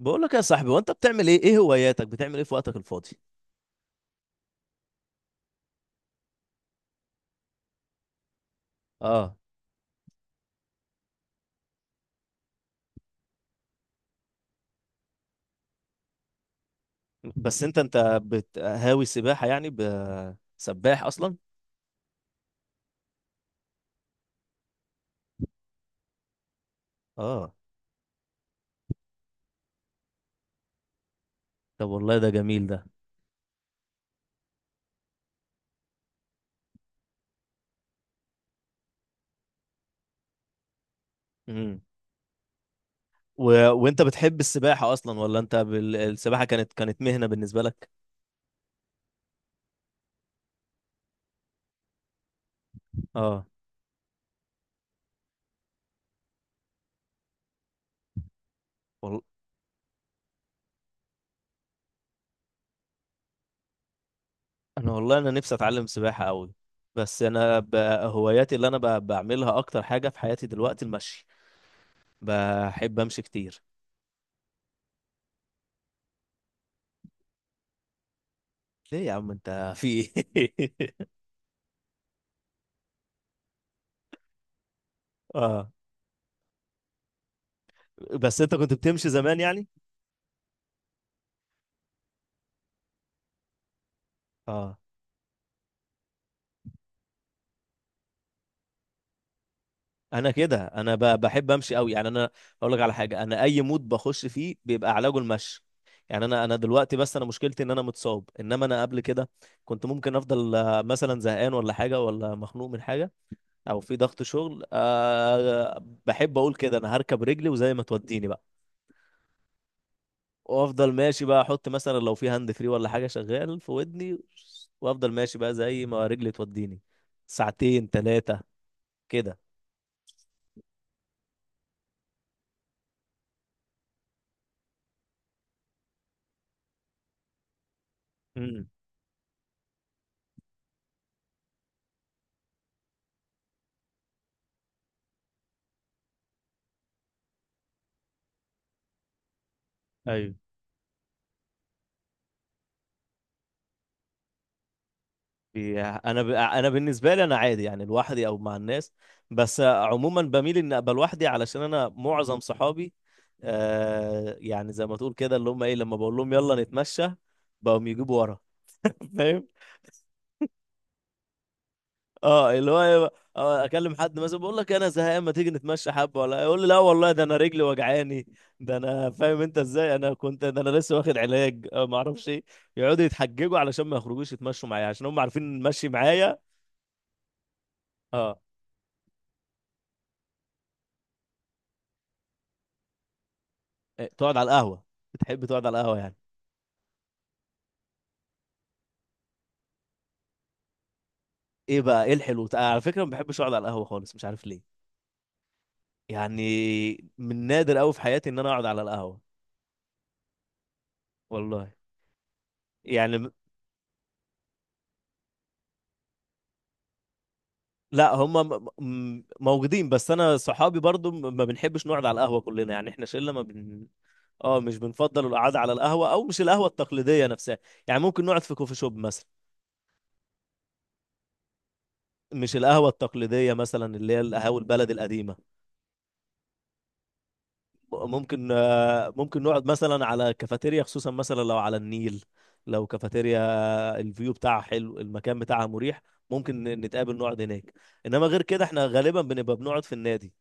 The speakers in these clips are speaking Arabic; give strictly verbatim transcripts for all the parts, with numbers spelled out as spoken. بقول لك يا صاحبي، وانت بتعمل ايه؟ ايه هواياتك؟ بتعمل ايه في وقتك الفاضي؟ اه. بس انت انت بت- هاوي سباحة يعني؟ ب- سباح اصلا؟ اه. طب والله ده جميل ده. امم و... وانت بتحب السباحة اصلا، ولا انت بال... السباحة كانت كانت مهنة بالنسبة لك؟ اه. وال... انا والله انا نفسي اتعلم سباحة قوي. بس انا ب... هواياتي اللي انا ب... بعملها اكتر حاجة في حياتي دلوقتي المشي. بحب امشي كتير. ليه يا عم؟ انت في ايه؟ اه. بس انت كنت بتمشي زمان يعني؟ اه. انا كده انا ب- بحب امشي قوي يعني. انا اقول لك على حاجه، انا اي مود بخش فيه بيبقى علاجه المشي. يعني انا انا دلوقتي، بس انا مشكلتي ان انا متصاب، انما انا قبل كده كنت ممكن افضل آه، مثلا زهقان ولا حاجه، ولا مخنوق من حاجه، او في ضغط شغل. أه بحب اقول كده انا هركب رجلي وزي ما توديني بقى. وافضل ماشي بقى، احط مثلا لو في هاند فري ولا حاجه شغال في ودني، وافضل ماشي بقى زي ما رجلي توديني. ساعتين ثلاثه كده. امم. ايوه، يا- انا ب... انا بالنسبه لي انا عادي، يعني لوحدي او مع الناس. بس عموما بميل ان ابقى لوحدي، علشان انا معظم صحابي آه، يعني زي ما تقول كده، اللي هم ايه، لما بقول لهم يلا نتمشى بقوم يجيبوا ورا. فاهم؟ اه، اللي هو إيه، آه، اكلم حد مثلا بقول لك انا زهقان، ما تيجي نتمشى حبه، ولا يقول لي لا والله ده انا رجلي وجعاني، ده انا فاهم انت ازاي؟ انا كنت ده انا لسه واخد علاج آه، ما اعرفش ايه. يقعدوا يتحججوا علشان ما يخرجوش يتمشوا معايا، عشان هم عارفين إن المشي معايا. اه. إيه، تقعد على القهوه؟ بتحب تقعد على القهوه يعني؟ ايه بقى ايه الحلو؟ تع- على فكره ما بحبش اقعد على القهوه خالص، مش عارف ليه يعني. من نادر قوي في حياتي ان انا اقعد على القهوه. والله. يعني م- لا، هم م- م- موجودين، بس انا صحابي برضو م- ما بنحبش نقعد على القهوه كلنا يعني، احنا شله ما بن. اه مش بنفضل القعده على القهوه، او مش القهوه التقليديه نفسها يعني. ممكن نقعد في كوفي شوب مثلا. مش القهوه التقليديه مثلا اللي هي القهاوي البلد القديمه. ممكن آه، ممكن نقعد مثلا على كافيتيريا، خصوصا مثلا لو على النيل، لو كافيتيريا الفيو بتاعها حلو، المكان بتاعها مريح، ممكن ن- نتقابل نقعد هناك. انما غير كده احنا غالبا بنبقى بنقعد في النادي.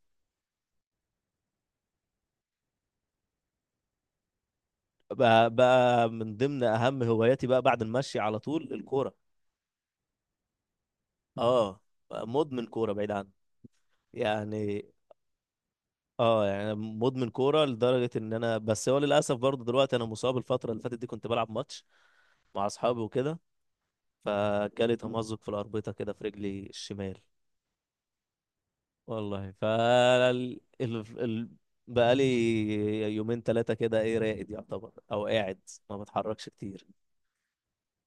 بقى, بقى من ضمن اهم هواياتي بقى بعد المشي على طول الكورة. اه، مدمن كورة بعيد عني. يعني اه، يعني أنا مدمن كورة لدرجة ان انا، بس هو للاسف برضه دلوقتي انا مصاب. الفترة اللي فاتت دي كنت بلعب ماتش مع اصحابي وكده، فجالي تمزق في الأربطة كده في رجلي الشمال. والله ف ال... ال... ال... بقالي يومين ثلاثة كده، ايه، راقد يعتبر او قاعد، ما بتحركش كتير.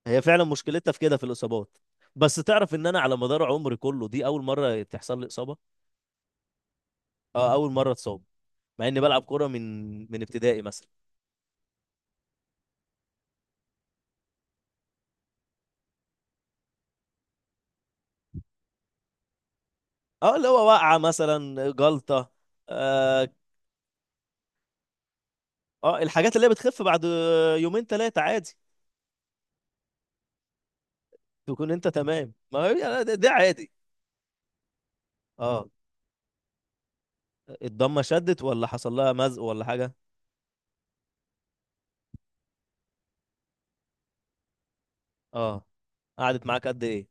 هي فعلا مشكلتها في كده، في الإصابات. بس تعرف ان انا على مدار عمري كله دي اول مرة تحصل لي إصابة؟ اه، اول مرة اتصاب، مع اني بلعب كورة من من ابتدائي مثلا. اه، اللي هو وقعة مثلا، جلطة. اه، آه، الحاجات اللي هي بتخف بعد يومين ثلاثة عادي. تكون انت تمام، ما هي. ده ده عادي. اه. الضمة شدت ولا حصل لها مزق ولا حاجة؟ اه، قعدت معاك قد ايه؟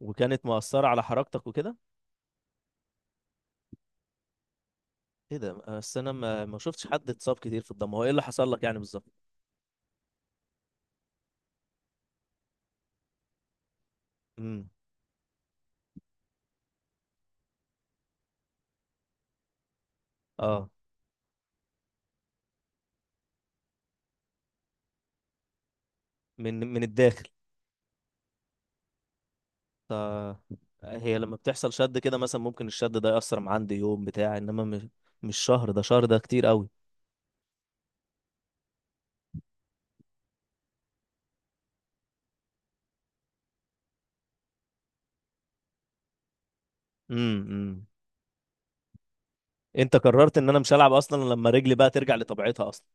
وكانت مؤثرة على حركتك وكده؟ ايه ده؟ بس انا ما ما شفتش حد اتصاب كتير في الضمة. هو ايه اللي حصل لك يعني بالظبط؟ امم. اه، من من الداخل. ف هي لما بتحصل شد كده مثلا، ممكن الشد ده يأثر مع عندي يوم بتاع، انما مش مش شهر، ده شهر ده كتير قوي. امم، امم. انت قررت ان انا مش هلعب اصلا لما رجلي بقى ترجع لطبيعتها اصلا؟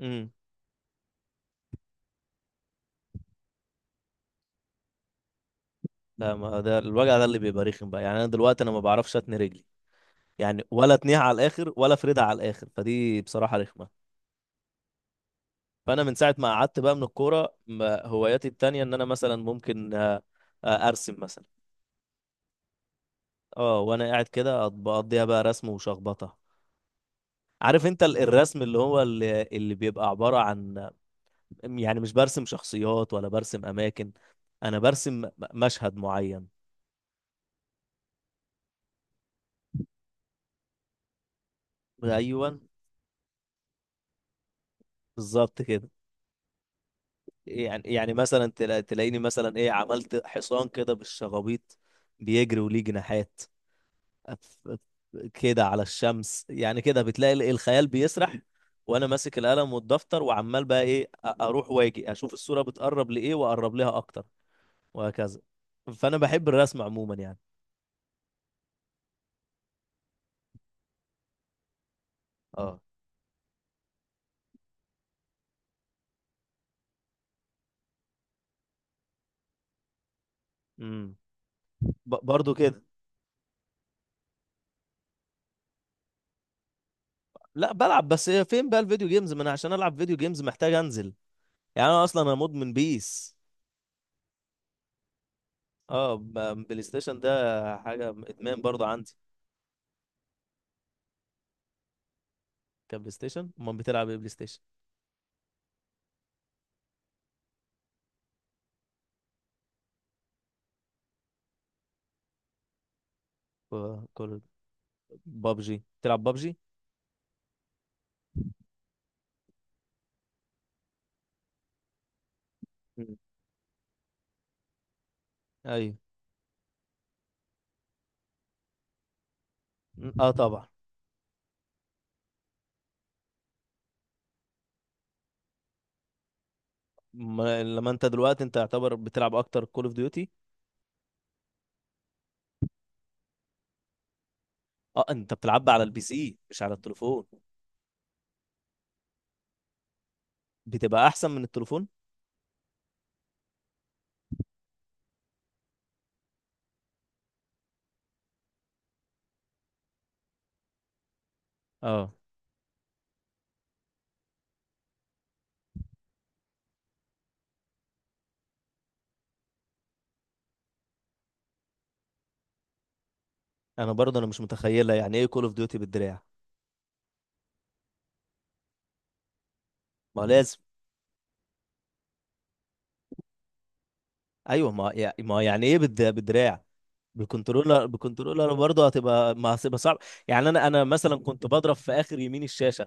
امم. لا، ما ده الوجع ده اللي بيبقى رخم بقى يعني. انا دلوقتي انا ما بعرفش اتني رجلي يعني، ولا اتنيها على الاخر، ولا فريدة على الاخر، فدي بصراحة رخمة. فانا من ساعة ما قعدت بقى من الكورة، ما- هواياتي التانية ان انا مثلا ممكن آه، آه، ارسم مثلا. اه، وانا قاعد كده أط- بقضيها بقى رسم وشخبطة. عارف انت ال- الرسم، اللي هو اللي, اللي بيبقى عبارة عن يعني، مش برسم شخصيات ولا برسم اماكن، انا برسم م- مشهد معين. ايوه بالظبط كده. يعني يعني مثلا تلا- تلاقيني مثلا ايه عملت حصان كده بالشغابيط، بيجري وليه جناحات، أف- أف- كده على الشمس يعني، كده بتلاقي ال- الخيال بيسرح. وانا ماسك القلم والدفتر وعمال بقى ايه، أ- اروح واجي اشوف الصورة بتقرب لايه واقرب لها اكتر، وهكذا. فانا بحب الرسم عموما يعني. اه. امم. ب- برضو كده. لا بلعب، بس إيه، فين بقى الفيديو جيمز؟ ما انا عشان العب فيديو جيمز محتاج انزل يعني. انا اصلا انا مدمن بيس. اه، ب- بلاي ستيشن ده حاجة ادمان برضو عندي. كان بلاي ستيشن، امال بتلعب ايه بلاي ستيشن؟ كو- كول. بابجي، بتلعب بابجي؟ مم. ايوه. اه طبعا. ما لما انت دلوقتي انت يعتبر بتلعب اكتر كول اوف ديوتي. اه، انت بتلعب على البي سي مش على التليفون؟ بتبقى احسن من التليفون. اه، انا برضه انا مش متخيله يعني ايه كول اوف ديوتي بالدراع. ما لازم. ايوه، ما يع- ما يعني ايه بالد- بالدراع، بالكنترولر؟ بالكنترولر برضه هتبقى، ما هتبقى صعب. يعني انا، انا مثلا كنت بضرب في اخر يمين الشاشه،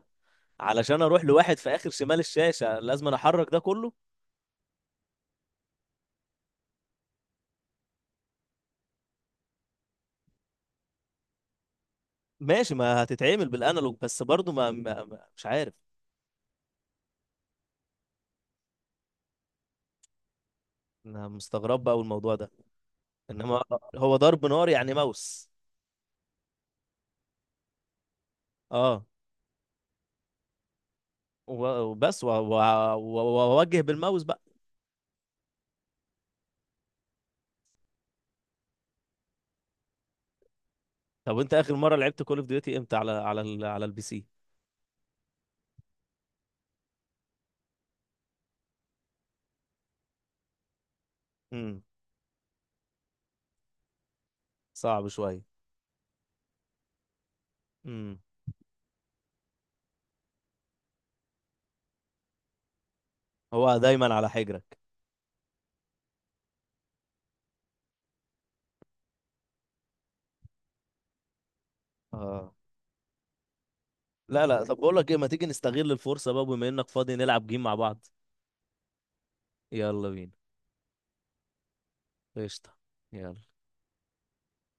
علشان اروح لواحد في اخر شمال الشاشه لازم أنا احرك ده كله. ماشي، ما هتتعمل بالانالوج، بس برضه ما ما- ما- مش عارف. انا مستغرب بقى الموضوع ده. انما هو ضرب نار يعني موس؟ اه، و- وبس و- و- و- واوجه بالماوس بقى. طب انت اخر مره لعبت كول اوف ديوتي امتى، على على ال... على البي سي؟ امم. صعب شويه. امم. هو دايما على حجرك. اه. لا لا، طب بقول لك ايه، ما تيجي نستغل الفرصه بقى بما انك فاضي نلعب جيم مع بعض؟ يلا بينا. قشطه. يلا.